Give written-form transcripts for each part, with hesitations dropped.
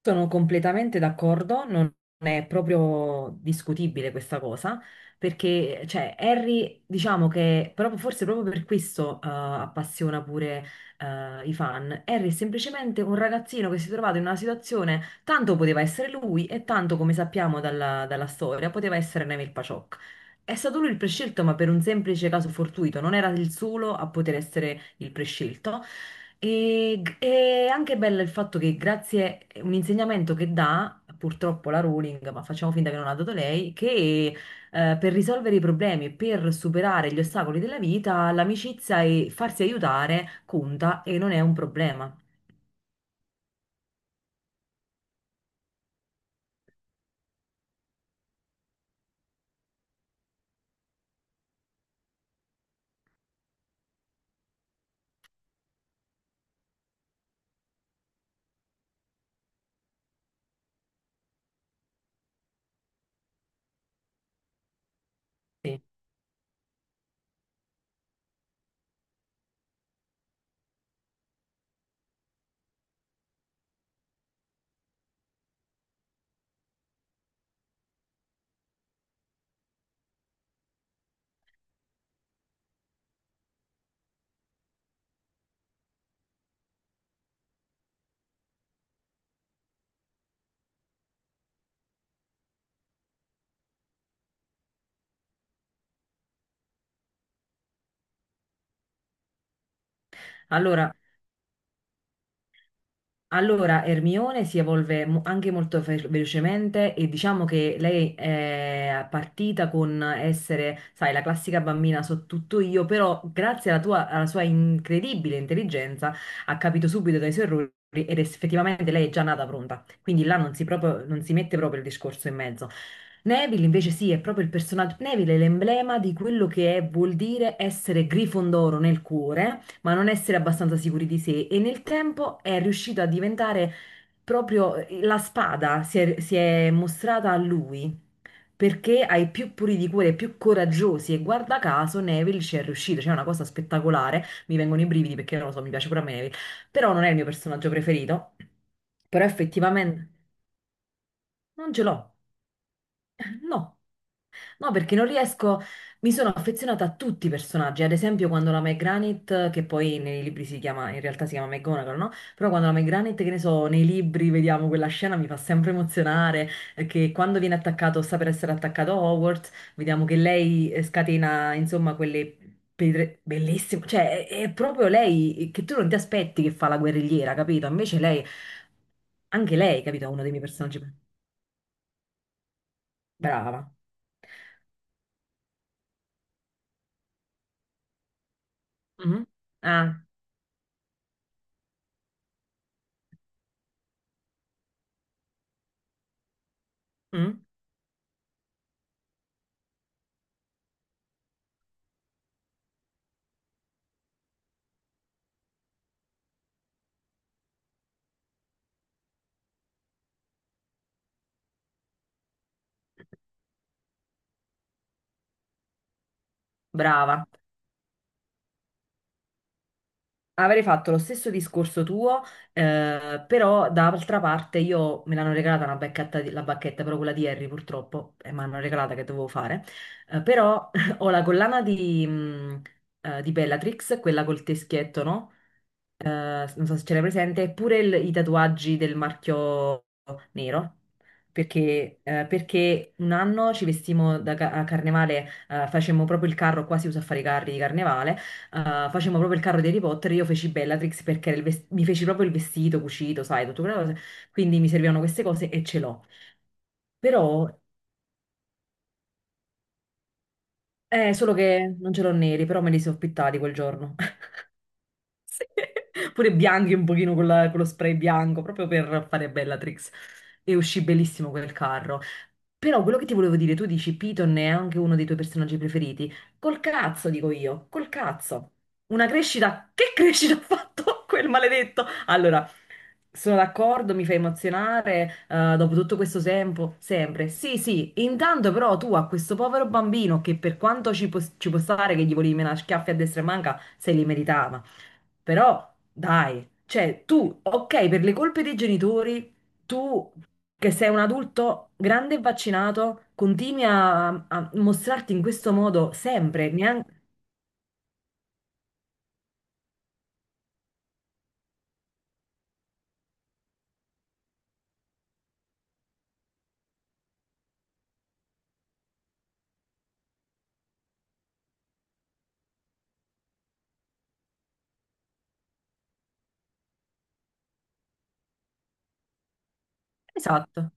Sono completamente d'accordo, non è proprio discutibile questa cosa, perché cioè, Harry, diciamo che proprio- forse proprio per questo appassiona pure i fan. Harry è semplicemente un ragazzino che si è trovato in una situazione, tanto poteva essere lui e tanto, come sappiamo dalla storia, poteva essere Neville Pachok. È stato lui il prescelto, ma per un semplice caso fortuito, non era il solo a poter essere il prescelto e, è anche bello il fatto che grazie a un insegnamento che dà, purtroppo la Rowling, ma facciamo finta che non ha dato lei, che per risolvere i problemi, per superare gli ostacoli della vita, l'amicizia e farsi aiutare conta e non è un problema. Sì. Allora, Allora, Ermione si evolve anche molto velocemente e diciamo che lei è partita con essere, sai, la classica bambina so tutto io, però grazie alla sua incredibile intelligenza ha capito subito dai suoi errori ed effettivamente lei è già nata pronta. Quindi là non si mette proprio il discorso in mezzo. Neville invece sì, è proprio il personaggio. Neville è l'emblema di quello vuol dire essere Grifondoro nel cuore, ma non essere abbastanza sicuri di sé. E nel tempo è riuscito a diventare proprio la spada, si è mostrata a lui. Perché ai più puri di cuore, ai più coraggiosi, e guarda caso Neville ci è riuscito, cioè è una cosa spettacolare. Mi vengono i brividi perché non lo so, mi piace pure a me Neville, però non è il mio personaggio preferito. Però effettivamente non ce l'ho, no. No, perché non riesco, mi sono affezionata a tutti i personaggi, ad esempio quando la Meg Granit, che poi nei libri si chiama, in realtà si chiama McGonagall, no? Però quando la Meg Granit, che ne so, nei libri vediamo quella scena mi fa sempre emozionare, perché quando viene attaccato, sta per essere attaccato Hogwarts, vediamo che lei scatena, insomma, quelle pedre bellissime, cioè è proprio lei che tu non ti aspetti che fa la guerrigliera, capito? Invece lei, anche lei, capito, è uno dei miei personaggi. Brava. Mhm. Ah. Mm. Brava, avrei fatto lo stesso discorso tuo, però d'altra parte io me l'hanno regalata una bacchetta, la bacchetta, però quella di Harry purtroppo, e me l'hanno regalata che dovevo fare, però ho la collana di Bellatrix, quella col teschietto, no? Eh, non so se ce l'hai presente, pure i tatuaggi del marchio nero, perché, perché un anno ci vestimmo a carnevale, facemmo proprio il carro, qua si usa a fare i carri di carnevale, eh, facemmo proprio il carro di Harry Potter, io feci Bellatrix perché mi feci proprio il vestito cucito, sai, tutte quelle cose, quindi mi servivano queste cose e ce l'ho. Però, è solo che non ce l'ho neri, però me li sono pittati quel giorno. Sì. Pure bianchi un pochino con, con lo spray bianco, proprio per fare Bellatrix. E uscì bellissimo quel carro. Però quello che ti volevo dire, tu dici Piton è anche uno dei tuoi personaggi preferiti. Col cazzo, dico io, col cazzo. Una crescita, che crescita ha fatto quel maledetto? Allora, sono d'accordo, mi fa emozionare, dopo tutto questo tempo, sempre. Sì, sì, intanto però tu a questo povero bambino che per quanto ci può stare che gli volevi menare schiaffi a destra e manca, se li meritava. Però, dai, cioè tu, ok, per le colpe dei genitori, tu che sei un adulto grande e vaccinato, continui a mostrarti in questo modo sempre. Esatto.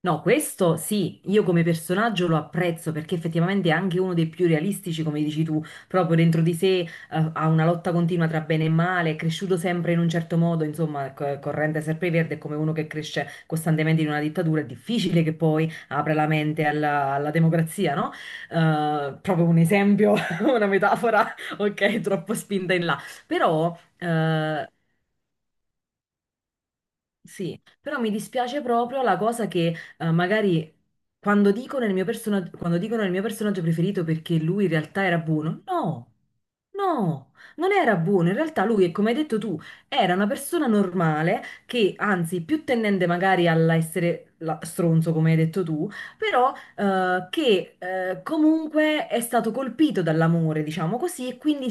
No, questo sì, io come personaggio lo apprezzo perché effettivamente è anche uno dei più realistici, come dici tu, proprio dentro di sé, ha una lotta continua tra bene e male, è cresciuto sempre in un certo modo, insomma, corrente Verde è come uno che cresce costantemente in una dittatura, è difficile che poi apra la mente alla democrazia, no? Proprio un esempio, una metafora, ok, troppo spinta in là, però... sì, però mi dispiace proprio la cosa che magari quando dicono il mio personaggio preferito perché lui in realtà era buono, no, no, non era buono, in realtà lui, come hai detto tu, era una persona normale che anzi più tendente magari all'essere stronzo, come hai detto tu, però che comunque è stato colpito dall'amore, diciamo così, e quindi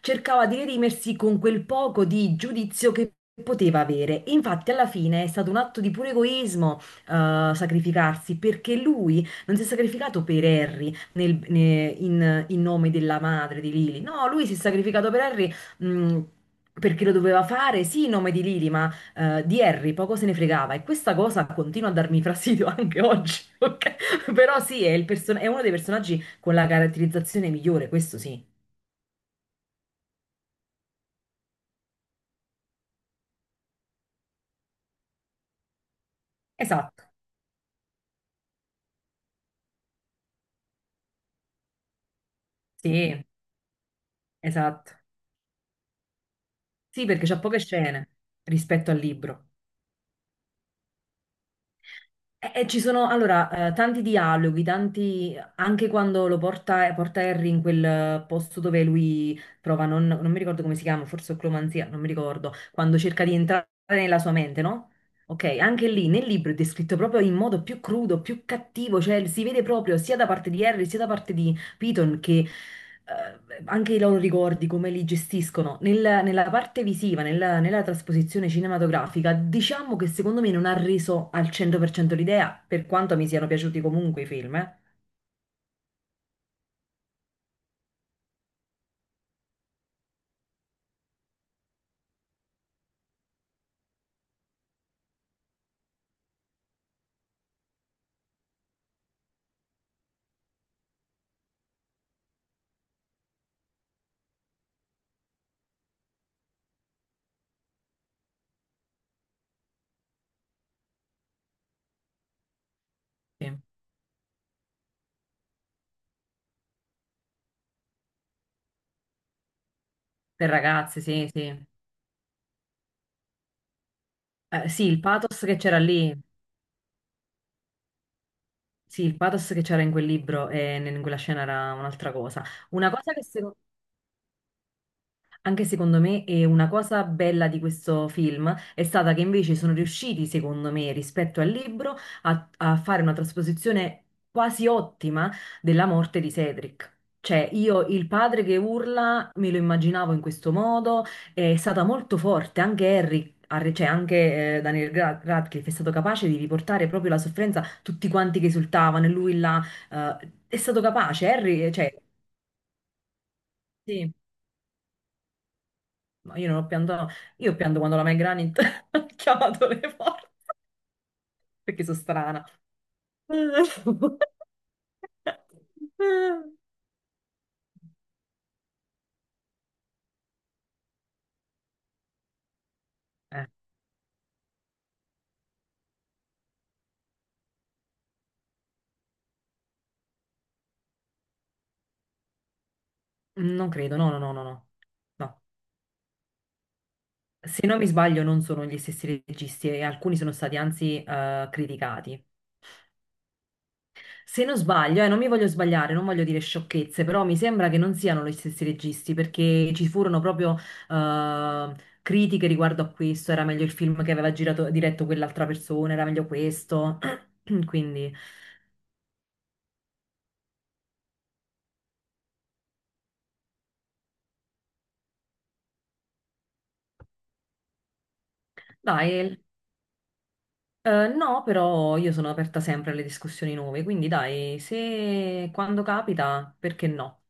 cercava di redimersi con quel poco di giudizio che poteva avere. E Infatti, alla fine è stato un atto di puro egoismo, sacrificarsi, perché lui non si è sacrificato per Harry in nome della madre di Lily. No, lui si è sacrificato per Harry, mh, Perché lo doveva fare, sì, in nome di Lily, ma di Harry poco se ne fregava e questa cosa continua a darmi fastidio anche oggi, ok? Però sì, è è uno dei personaggi con la caratterizzazione migliore, questo sì. Esatto, sì. Esatto. Sì, perché c'ha poche scene rispetto al libro. E ci sono allora tanti dialoghi, tanti anche quando porta Harry in quel posto dove lui prova, non mi ricordo come si chiama, forse oclomanzia, non mi ricordo, quando cerca di entrare nella sua mente, no? Ok, anche lì nel libro è descritto proprio in modo più crudo, più cattivo, cioè si vede proprio sia da parte di Harry sia da parte di, capito che anche i loro ricordi, come li gestiscono nella parte visiva, nella trasposizione cinematografica, diciamo che secondo me non ha reso al 100% l'idea, per quanto mi siano piaciuti comunque i film, eh. Sì. Per ragazzi, sì, sì. Sì, il pathos che c'era lì, sì, il pathos che c'era in quel libro e in quella scena era un'altra cosa. Una cosa che, se- Anche secondo me, e una cosa bella di questo film è stata che invece sono riusciti, secondo me, rispetto al libro, a fare una trasposizione quasi ottima della morte di Cedric. Cioè, io il padre che urla me lo immaginavo in questo modo, è stata molto forte, anche cioè anche Radcliffe è stato capace di riportare proprio la sofferenza, tutti quanti che esultavano, e lui là, eh, è stato capace, Harry, cioè, sì. Ma io non ho pianto, io pianto quando la Meg Granit ha chiamato le forze, perché sono strana. Eh, non credo, no, no, no, no, no. No. Se non mi sbaglio non sono gli stessi registi e alcuni sono stati anzi criticati. Se non sbaglio, non mi voglio sbagliare, non voglio dire sciocchezze, però mi sembra che non siano gli stessi registi, perché ci furono proprio eh, critiche riguardo a questo, era meglio il film che aveva girato, diretto quell'altra persona, era meglio questo. Quindi, dai, no, però io sono aperta sempre alle discussioni nuove, quindi dai, se quando capita, perché no?